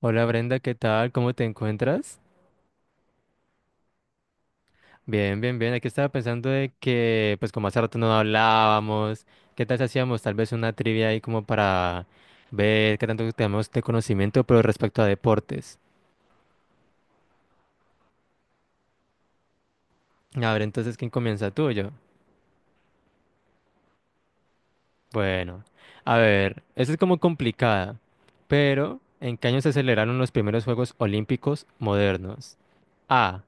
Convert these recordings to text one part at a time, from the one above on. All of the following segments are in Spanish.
Hola Brenda, ¿qué tal? ¿Cómo te encuentras? Bien, bien, bien. Aquí estaba pensando de que, pues como hace rato no hablábamos, ¿qué tal si hacíamos tal vez una trivia ahí como para ver qué tanto tenemos de conocimiento, pero respecto a deportes? A ver, entonces, ¿quién comienza tú o yo? Bueno, a ver, esa es como complicada, pero ¿en qué año se celebraron los primeros Juegos Olímpicos modernos? A.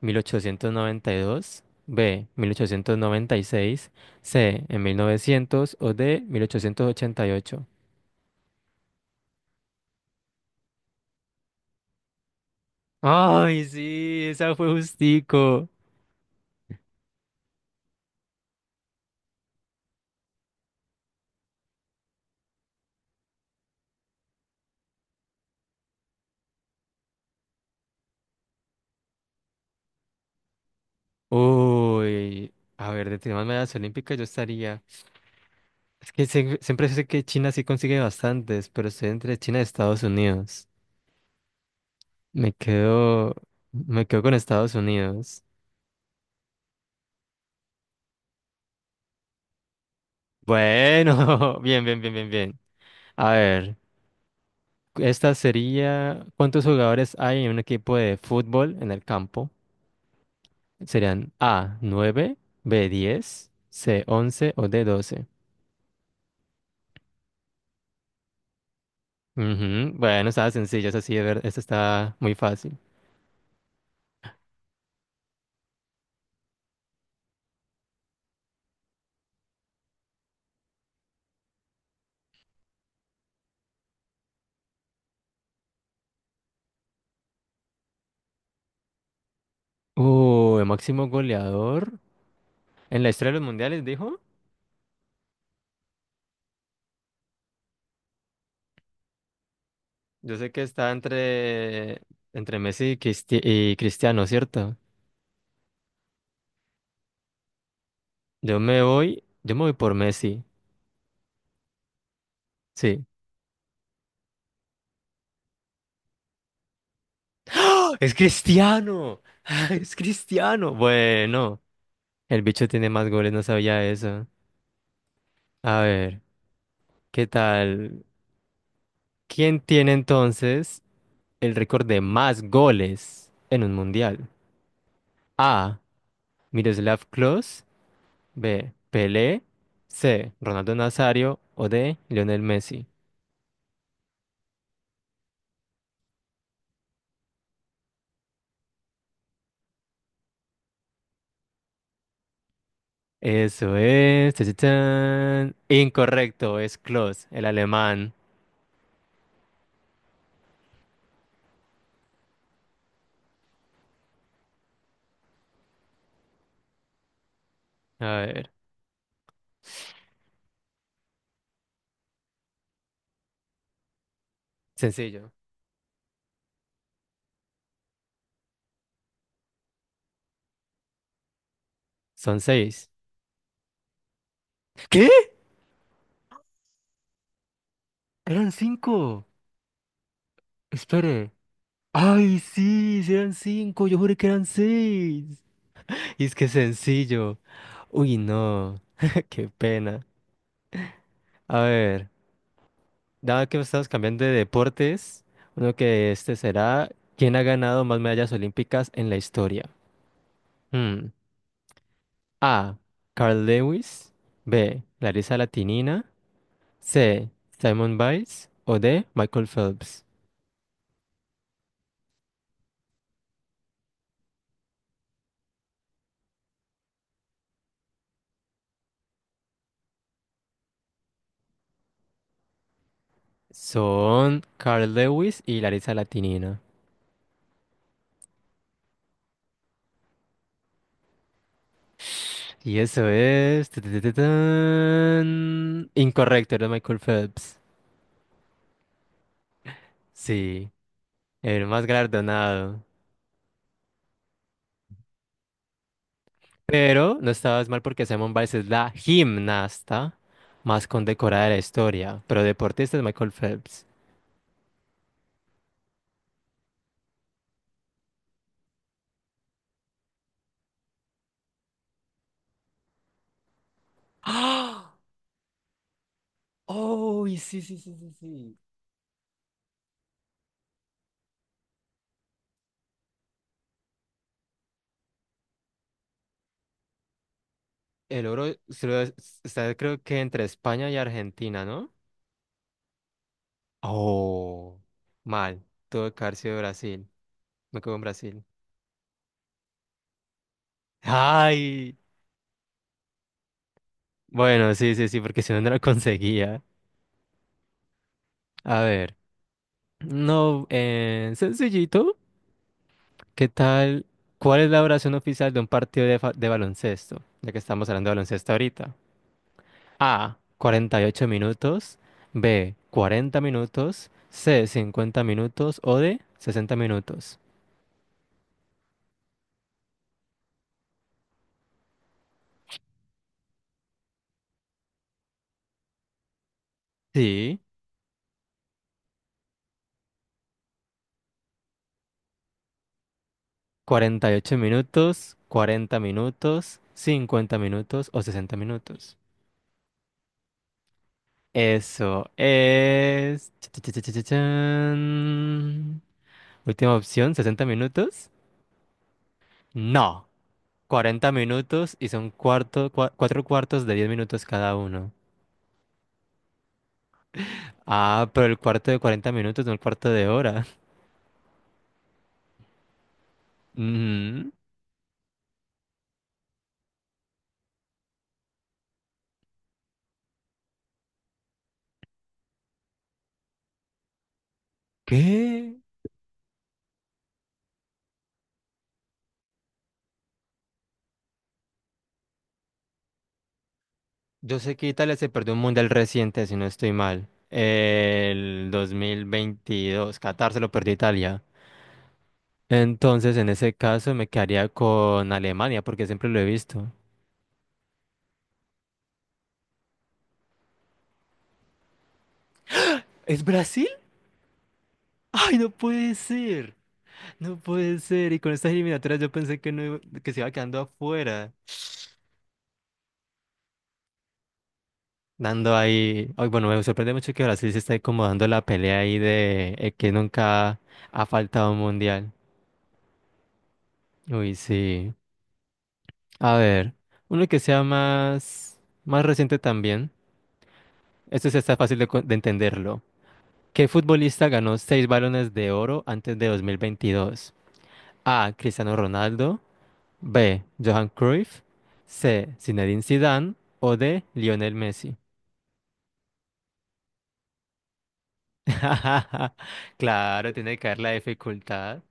1892. B. 1896. C. En 1900. O D. 1888. ¡Ay, sí! Esa fue justico. Uy. A ver, de temas medallas olímpicas yo estaría. Es que siempre sé que China sí consigue bastantes, pero estoy entre China y Estados Unidos. Me quedo. Me quedo con Estados Unidos. Bueno, bien, bien, bien, bien, bien. A ver. Esta sería, ¿cuántos jugadores hay en un equipo de fútbol en el campo? Serían A, nueve. B, diez. C, once. O D, doce. Ujú. Bueno, estaba sencillo, es así, de ver, esta está muy fácil. El máximo goleador en la historia de los mundiales, dijo. Yo sé que está entre Messi y Cristiano, ¿cierto? Yo me voy por Messi, sí. ¡Ah! ¡Es Cristiano! ¡Es Cristiano! Bueno. El bicho tiene más goles, no sabía eso. A ver, ¿qué tal? ¿Quién tiene entonces el récord de más goles en un mundial? A. Miroslav Klose. B. Pelé. C. Ronaldo Nazario. O D. Lionel Messi. Eso es. Tachachán. Incorrecto, es Klose, el alemán. A ver, sencillo. Son seis. ¿Qué? Eran cinco. Espere. Ay, sí, sí eran cinco, yo juré que eran seis. Y es que es sencillo. Uy, no, qué pena. A ver, dado que estamos cambiando de deportes, uno que este será, ¿quién ha ganado más medallas olímpicas en la historia? Hmm. A. Carl Lewis. B. Larisa Latinina. C. Simon Biles. O D. Michael Phelps. Son Carl Lewis y Larisa Latinina. Y eso es: tu, tan. Incorrecto, era Michael Phelps. Sí, el más galardonado. Pero no estabas mal porque Simone Biles es la gimnasta más condecorada de la historia. Pero deportista es Michael Phelps. ¡Ah! ¡Oh! Y sí, sí, sí, sí, sí. El oro está, creo que entre España y Argentina, ¿no? Oh, mal. Tuvo que haber sido Brasil. Me quedo en Brasil. ¡Ay! Bueno, sí, sí, sí, porque si no, no lo conseguía. A ver, no, sencillito, ¿qué tal? ¿Cuál es la oración oficial de un partido de baloncesto? Ya que estamos hablando de baloncesto ahorita. A, 48 minutos. B, 40 minutos. C, 50 minutos. O D, 60 minutos. Sí, 48 minutos, 40 minutos, 50 minutos o 60 minutos. Eso es. Cha, cha, cha, cha, cha, chan. Última opción, 60 minutos. No, 40 minutos y son cuarto, cuatro cuartos de 10 minutos cada uno. Ah, pero el cuarto de 40 minutos, no el cuarto de hora. Mm. ¿Qué? Yo sé que Italia se perdió un mundial reciente, si no estoy mal. El 2022. Qatar se lo perdió Italia. Entonces, en ese caso, me quedaría con Alemania, porque siempre lo he visto. ¿Es Brasil? Ay, no puede ser. No puede ser. Y con estas eliminatorias yo pensé que no iba- que se iba quedando afuera. Dando ahí. Ay, bueno, me sorprende mucho que Brasil se esté como dando la pelea ahí de que nunca ha faltado un mundial. Uy, sí. A ver, uno que sea más reciente también. Esto sí está fácil de entenderlo. ¿Qué futbolista ganó seis balones de oro antes de 2022? A. Cristiano Ronaldo. B. Johan Cruyff. C. Zinedine Zidane. O D. Lionel Messi. Claro, tiene que haber la dificultad.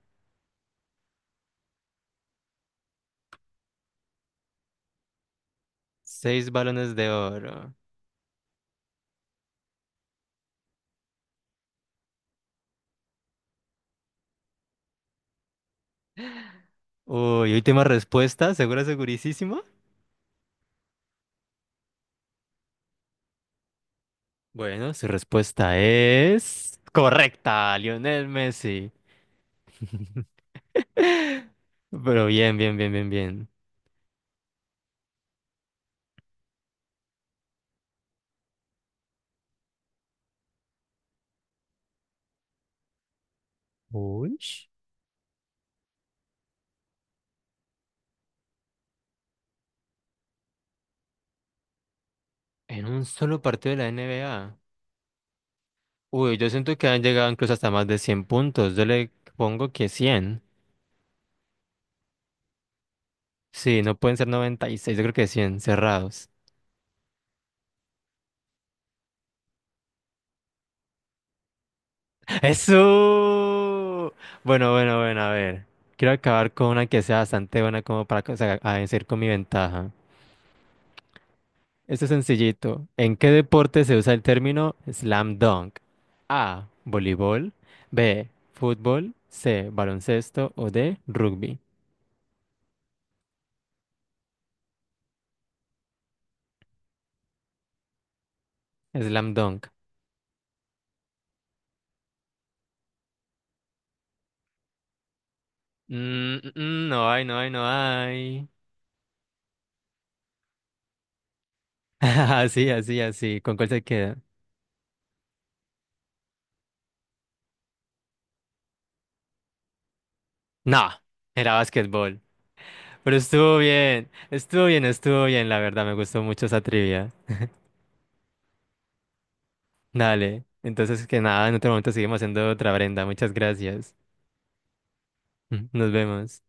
Seis balones de oro. Uy, última respuesta. ¿Segura, segurísima? Bueno, su respuesta es correcta, Lionel Messi. Pero bien, bien, bien, bien, bien. Uy. En un solo partido de la NBA. Uy, yo siento que han llegado incluso hasta más de 100 puntos. Yo le pongo que 100. Sí, no pueden ser noventa y seis. Yo creo que cien cerrados. ¡Eso! Bueno, bueno, bueno, a ver. Quiero acabar con una que sea bastante buena como para a vencer con mi ventaja. Esto es sencillito. ¿En qué deporte se usa el término slam dunk? A. Voleibol. B. Fútbol. C. Baloncesto. O D. Rugby. Slam dunk. No hay, no hay, no hay. Así, así, así. ¿Con cuál se queda? No, era básquetbol. Pero estuvo bien, estuvo bien, estuvo bien, la verdad, me gustó mucho esa trivia. Dale, entonces que nada, en otro momento seguimos haciendo otra, Brenda, muchas gracias. Nos vemos.